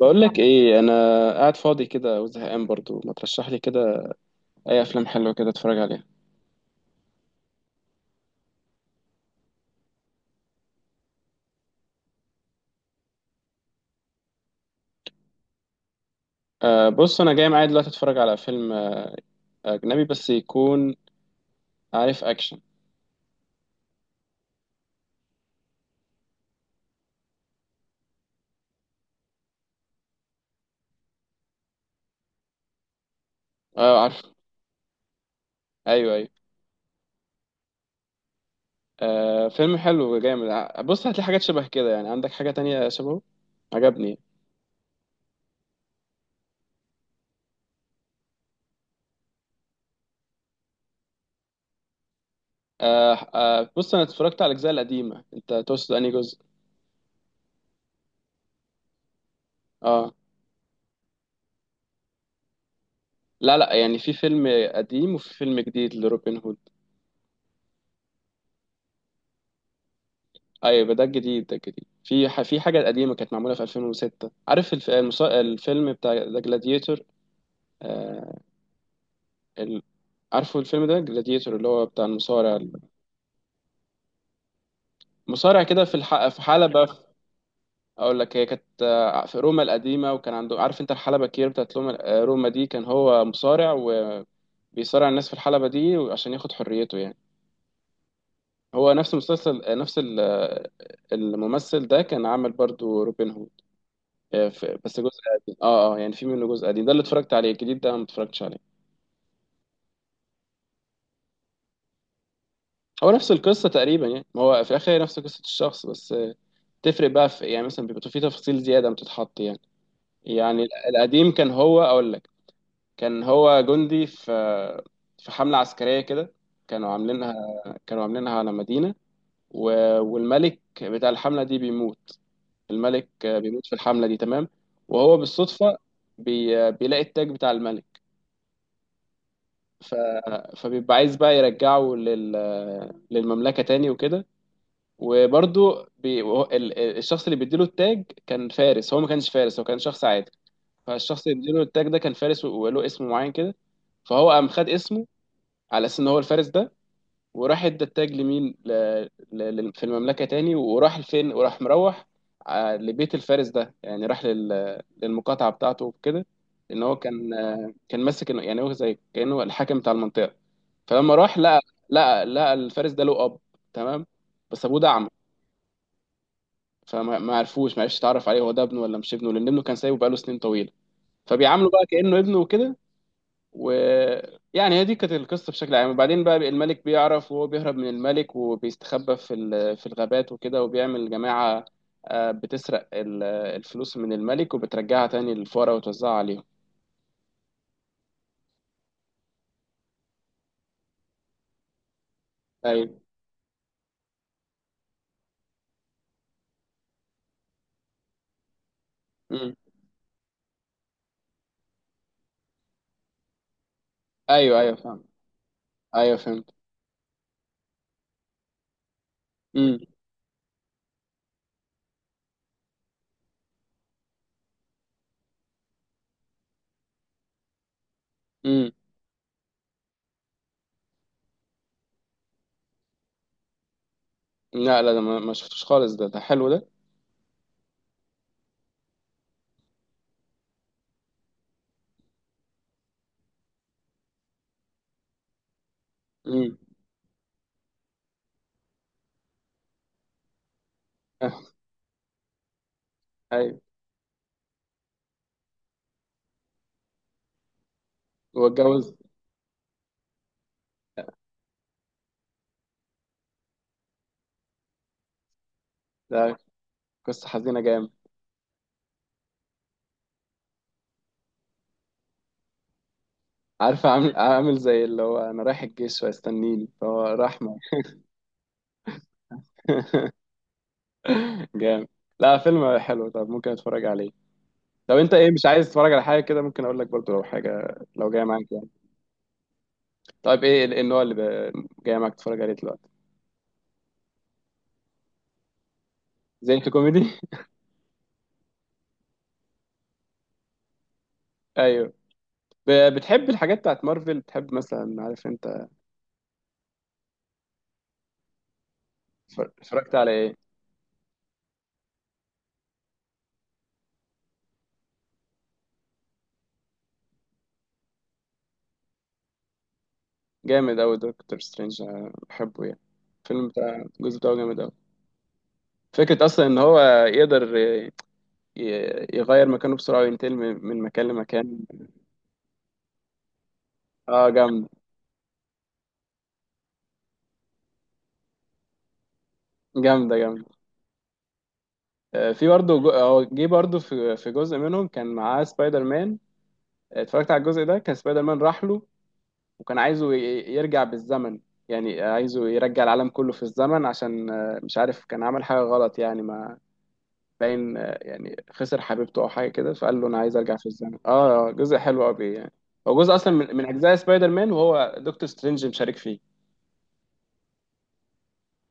بقول لك ايه، انا قاعد فاضي كده وزهقان، برضو ما ترشح لي كده اي افلام حلوه كده اتفرج عليها. بص، انا جاي معايا دلوقتي اتفرج على فيلم اجنبي بس، يكون عارف، اكشن. اه، عارف. ايوه، ايوه. فيلم حلو وجامد. بص، هتلاقي حاجات شبه كده، يعني عندك حاجه تانية شبهه عجبني. أه أه بص، انا اتفرجت على الاجزاء القديمه. انت تقصد انهي جزء؟ اه، لا لا، يعني في فيلم قديم وفي فيلم جديد لروبن هود. ايوه ده الجديد، ده الجديد. في حاجه قديمه كانت معموله في 2006. عارف الفيلم بتاع ذا جلاديتور، آه... ال... عارفه الفيلم ده، جلاديتور، اللي هو بتاع المصارع. المصارع كده في حلبة اقول لك، هي كانت في روما القديمه، وكان عنده، عارف انت الحلبة الكبيره بتاعت روما، روما دي كان هو مصارع. وبيصارع الناس في الحلبة دي عشان ياخد حريته يعني. هو نفس المسلسل، آه، نفس ال- آه، الممثل ده كان عامل برضو روبن هود. بس جزء قديم. اه، اه، يعني في منه جزء قديم، ده اللي اتفرجت عليه. الجديد ده ما اتفرجتش عليه. هو نفس القصه تقريبا يعني، ما هو في الاخر هي نفس قصه الشخص، بس تفرق بقى في، يعني مثلا بيبقى في تفاصيل زياده بتتحط يعني. يعني القديم كان هو، اقول لك، كان هو جندي في حمله عسكريه كده. كانوا عاملينها، كانوا عاملينها على مدينه. و- والملك بتاع الحمله دي بيموت. الملك بيموت في الحمله دي، تمام. وهو بالصدفه بيلاقي التاج بتاع الملك. ف... فبيبقى عايز بقى يرجعه للمملكة تاني وكده. وبرضه بي... وهو- ال- ال- الشخص اللي بيديله التاج كان فارس. هو ما كانش فارس، هو كان شخص عادي. فالشخص اللي بيديله التاج ده كان فارس، و- وله اسم معين كده. فهو قام خد اسمه، على اساس ان هو الفارس ده. وراح ادى التاج لمين، في المملكة تاني. وراح لفين، وراح مروح لبيت الفارس ده. يعني راح للمقاطعة بتاعته وكده. ان هو كان، كان ماسك، يعني هو زي كأنه الحاكم بتاع المنطقة. فلما راح لقى، الفارس ده له اب، تمام. بس ابوه ده اعمى. فما ما عرفوش ما عرفش يتعرف عليه، هو ده ابنه ولا مش ابنه، لان ابنه كان سايبه بقاله سنين طويله. فبيعامله بقى كانه ابنه وكده. ويعني هي دي كانت القصه بشكل عام. وبعدين بقى الملك بيعرف، وهو بيهرب من الملك وبيستخبى في الغابات وكده، وبيعمل جماعه بتسرق الفلوس من الملك وبترجعها تاني للفقراء وتوزعها عليهم. ايوه. مم. ايوه، ايوه، فاهم. ايوه، فهمت. امم. امم. لا لا، ده ما شفتوش خالص. ده حلو ده. امم. ايوه. هو اتجوز؟ ده قصة حزينة جامد. عارفة، عامل عامل زي اللي هو انا رايح الجيش وهيستنيني فهو راح معي. جامد. لا، فيلم حلو. طب ممكن اتفرج عليه. لو انت ايه، مش عايز تتفرج على حاجة كده، ممكن اقول لك برضو لو حاجة لو جاية معاك يعني. طيب، إيه النوع اللي جاي معاك تتفرج عليه دلوقتي؟ زي أنت، كوميدي. ايوه. بتحب الحاجات بتاعت مارفل؟ بتحب مثلا، عارف انت. اتفرجت على ايه؟ جامد اوي، دكتور سترينج أنا بحبه يعني. الفيلم بتاع الجزء بتاعه جامد أوي. فكرة أصلا إن هو يقدر يغير مكانه بسرعة وينتقل من مكان لمكان. اه، جامدة. جامدة. جامدة. في برضه هو جه برضه في جزء منهم كان معاه سبايدر مان. اتفرجت على الجزء ده. كان سبايدر مان راح له، وكان عايزه يرجع بالزمن. يعني عايزه يرجع العالم كله في الزمن، عشان مش عارف كان عمل حاجة غلط يعني، ما باين، يعني خسر حبيبته أو حاجة كده. فقال له أنا عايز أرجع في الزمن. جزء حلو أوي يعني. هو جزء أصلا من أجزاء سبايدر مان، وهو دكتور سترينج مشارك فيه.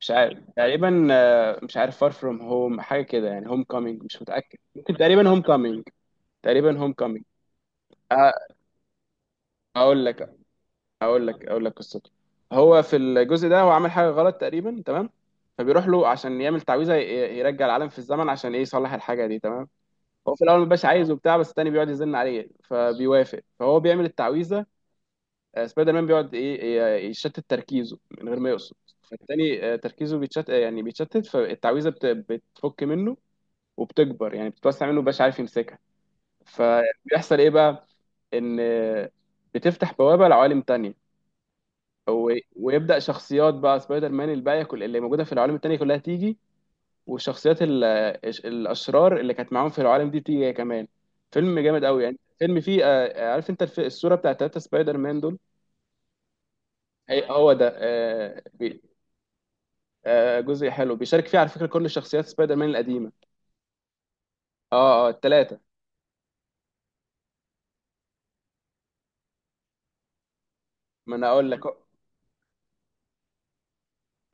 مش عارف تقريبا، مش عارف، فار فروم هوم حاجه كده يعني، هوم كومينج، مش متاكد، ممكن تقريبا هوم كومينج. تقريبا هوم كومينج. اقول لك اقول لك قصته. هو في الجزء ده، هو عمل حاجه غلط تقريبا، تمام. فبيروح له عشان يعمل تعويذه يرجع العالم في الزمن، عشان ايه، يصلح الحاجه دي، تمام. هو في الاول ما بيبقاش عايز وبتاع، بس التاني بيقعد يزن عليه فبيوافق، فهو بيعمل التعويذه. سبايدر مان بيقعد ايه، يشتت تركيزه من غير ما يقصد. فالتاني تركيزه بيتشتت، يعني بيتشتت، فالتعويذه بتفك منه. وبتكبر، يعني بتتوسع منه، مبقاش عارف يمسكها. فبيحصل ايه بقى؟ ان بتفتح بوابه لعوالم تانية. و- ويبدا شخصيات بقى سبايدر مان الباقيه، كل اللي موجوده في العوالم التانية كلها تيجي. والشخصيات الاشرار اللي كانت معاهم في العوالم دي تيجي هي كمان. فيلم جامد قوي يعني، فيلم فيه عارف انت الصوره بتاعت تلاتة سبايدر مان دول؟ هي هو ده، جزء حلو، بيشارك فيه على فكره كل شخصيات سبايدر مان القديمه. اه، اه، التلاته. ما انا اقول لك.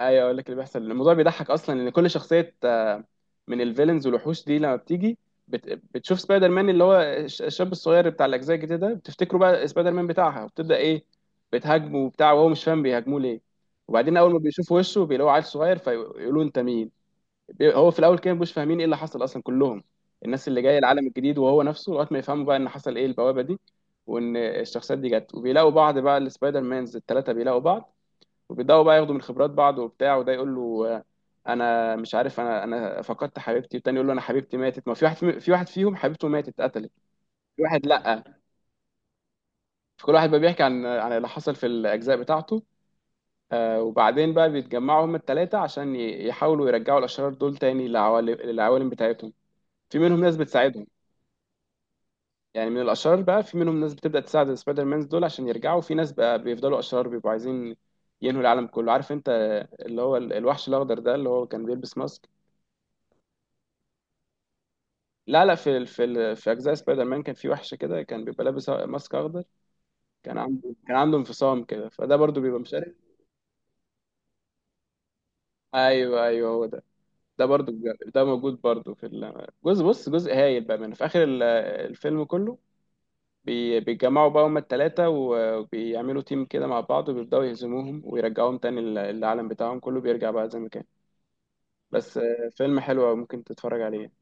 ايوه اقول لك اللي بيحصل. الموضوع بيضحك اصلا، ان كل شخصيه من الفيلنز والوحوش دي، لما بتيجي بت... بتشوف سبايدر مان، اللي هو الشاب الصغير بتاع الاجزاء الجديده ده، بتفتكره بقى سبايدر مان بتاعها، وبتبدا ايه؟ بتهاجمه وبتاع، وهو مش فاهم بيهاجموه ليه. وبعدين اول ما بيشوفوا وشه بيلاقوا عيل صغير، فيقولوا انت مين؟ هو في الاول كان مش فاهمين ايه اللي حصل اصلا، كلهم الناس اللي جايه العالم الجديد وهو نفسه، لغايه ما يفهموا بقى ان حصل ايه، البوابه دي، وان الشخصيات دي جت. وبيلاقوا بعض بقى، السبايدر مانز الثلاثه بيلاقوا بعض. وبيبداوا بقى ياخدوا من خبرات بعض وبتاع، وده يقول له انا مش عارف، انا فقدت حبيبتي. والتاني يقول له انا حبيبتي ماتت. ما في واحد، في واحد فيهم حبيبته ماتت اتقتلت. في واحد، لا. فكل واحد بقى بيحكي عن اللي حصل في الاجزاء بتاعته. وبعدين بقى بيتجمعوا هم الثلاثه، عشان يحاولوا يرجعوا الاشرار دول تاني للعوالم بتاعتهم. في منهم ناس بتساعدهم. يعني من الاشرار بقى، في منهم ناس بتبدا تساعد السبايدر مانز دول عشان يرجعوا. في ناس بقى بيفضلوا اشرار، بيبقوا عايزين ينهوا العالم كله، عارف انت اللي هو الوحش الاخضر ده اللي هو كان بيلبس ماسك. لا لا، في في اجزاء سبايدر مان كان في وحش كده كان بيبقى لابس ماسك اخضر. كان عنده، كان عنده انفصام كده، فده برضو بيبقى مشارك. ايوه، ايوه، هو ده. ده برضو ده موجود برضو في الجزء. بص جزء هايل بقى، من في اخر الفيلم كله. بيتجمعوا بقى هما التلاتة وبيعملوا تيم كده مع بعض، وبيبدأوا يهزموهم ويرجعوهم تاني العالم بتاعهم كله بيرجع بقى زي ما كان. بس فيلم حلو أوي، ممكن تتفرج عليه.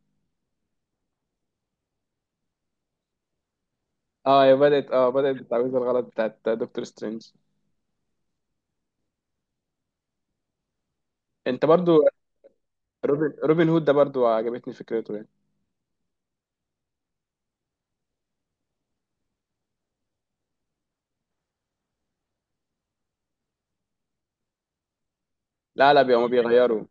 اه هي بدأت، بدأت بالتعويذة الغلط بتاعت دكتور سترينج. انت برضو. روبن هود ده برضو عجبتني فكرته يعني. لا لا، بيبقوا بيغيروا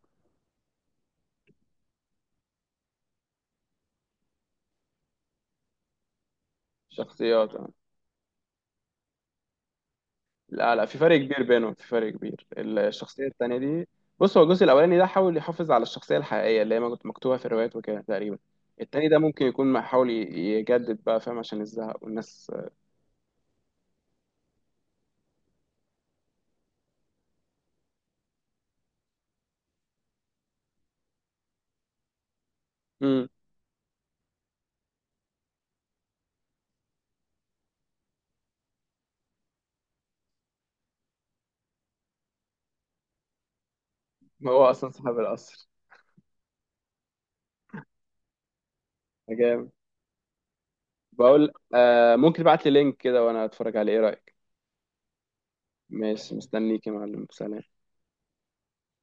شخصيات. لا لا، في فرق كبير بينهم، في فرق كبير. الشخصية التانية دي، بص هو الجزء الأولاني ده حاول يحافظ على الشخصية الحقيقية اللي هي ما كنت مكتوبة في الروايات وكده تقريبا. التاني ده ممكن يكون ما حاول يجدد بقى، فاهم، عشان الزهق والناس. امم. هو أصلا صاحب القصر. جامد. بقول ممكن تبعت لي لينك كده وأنا أتفرج عليه؟ إيه رأيك؟ ماشي، مستنيك يا معلم، سلام.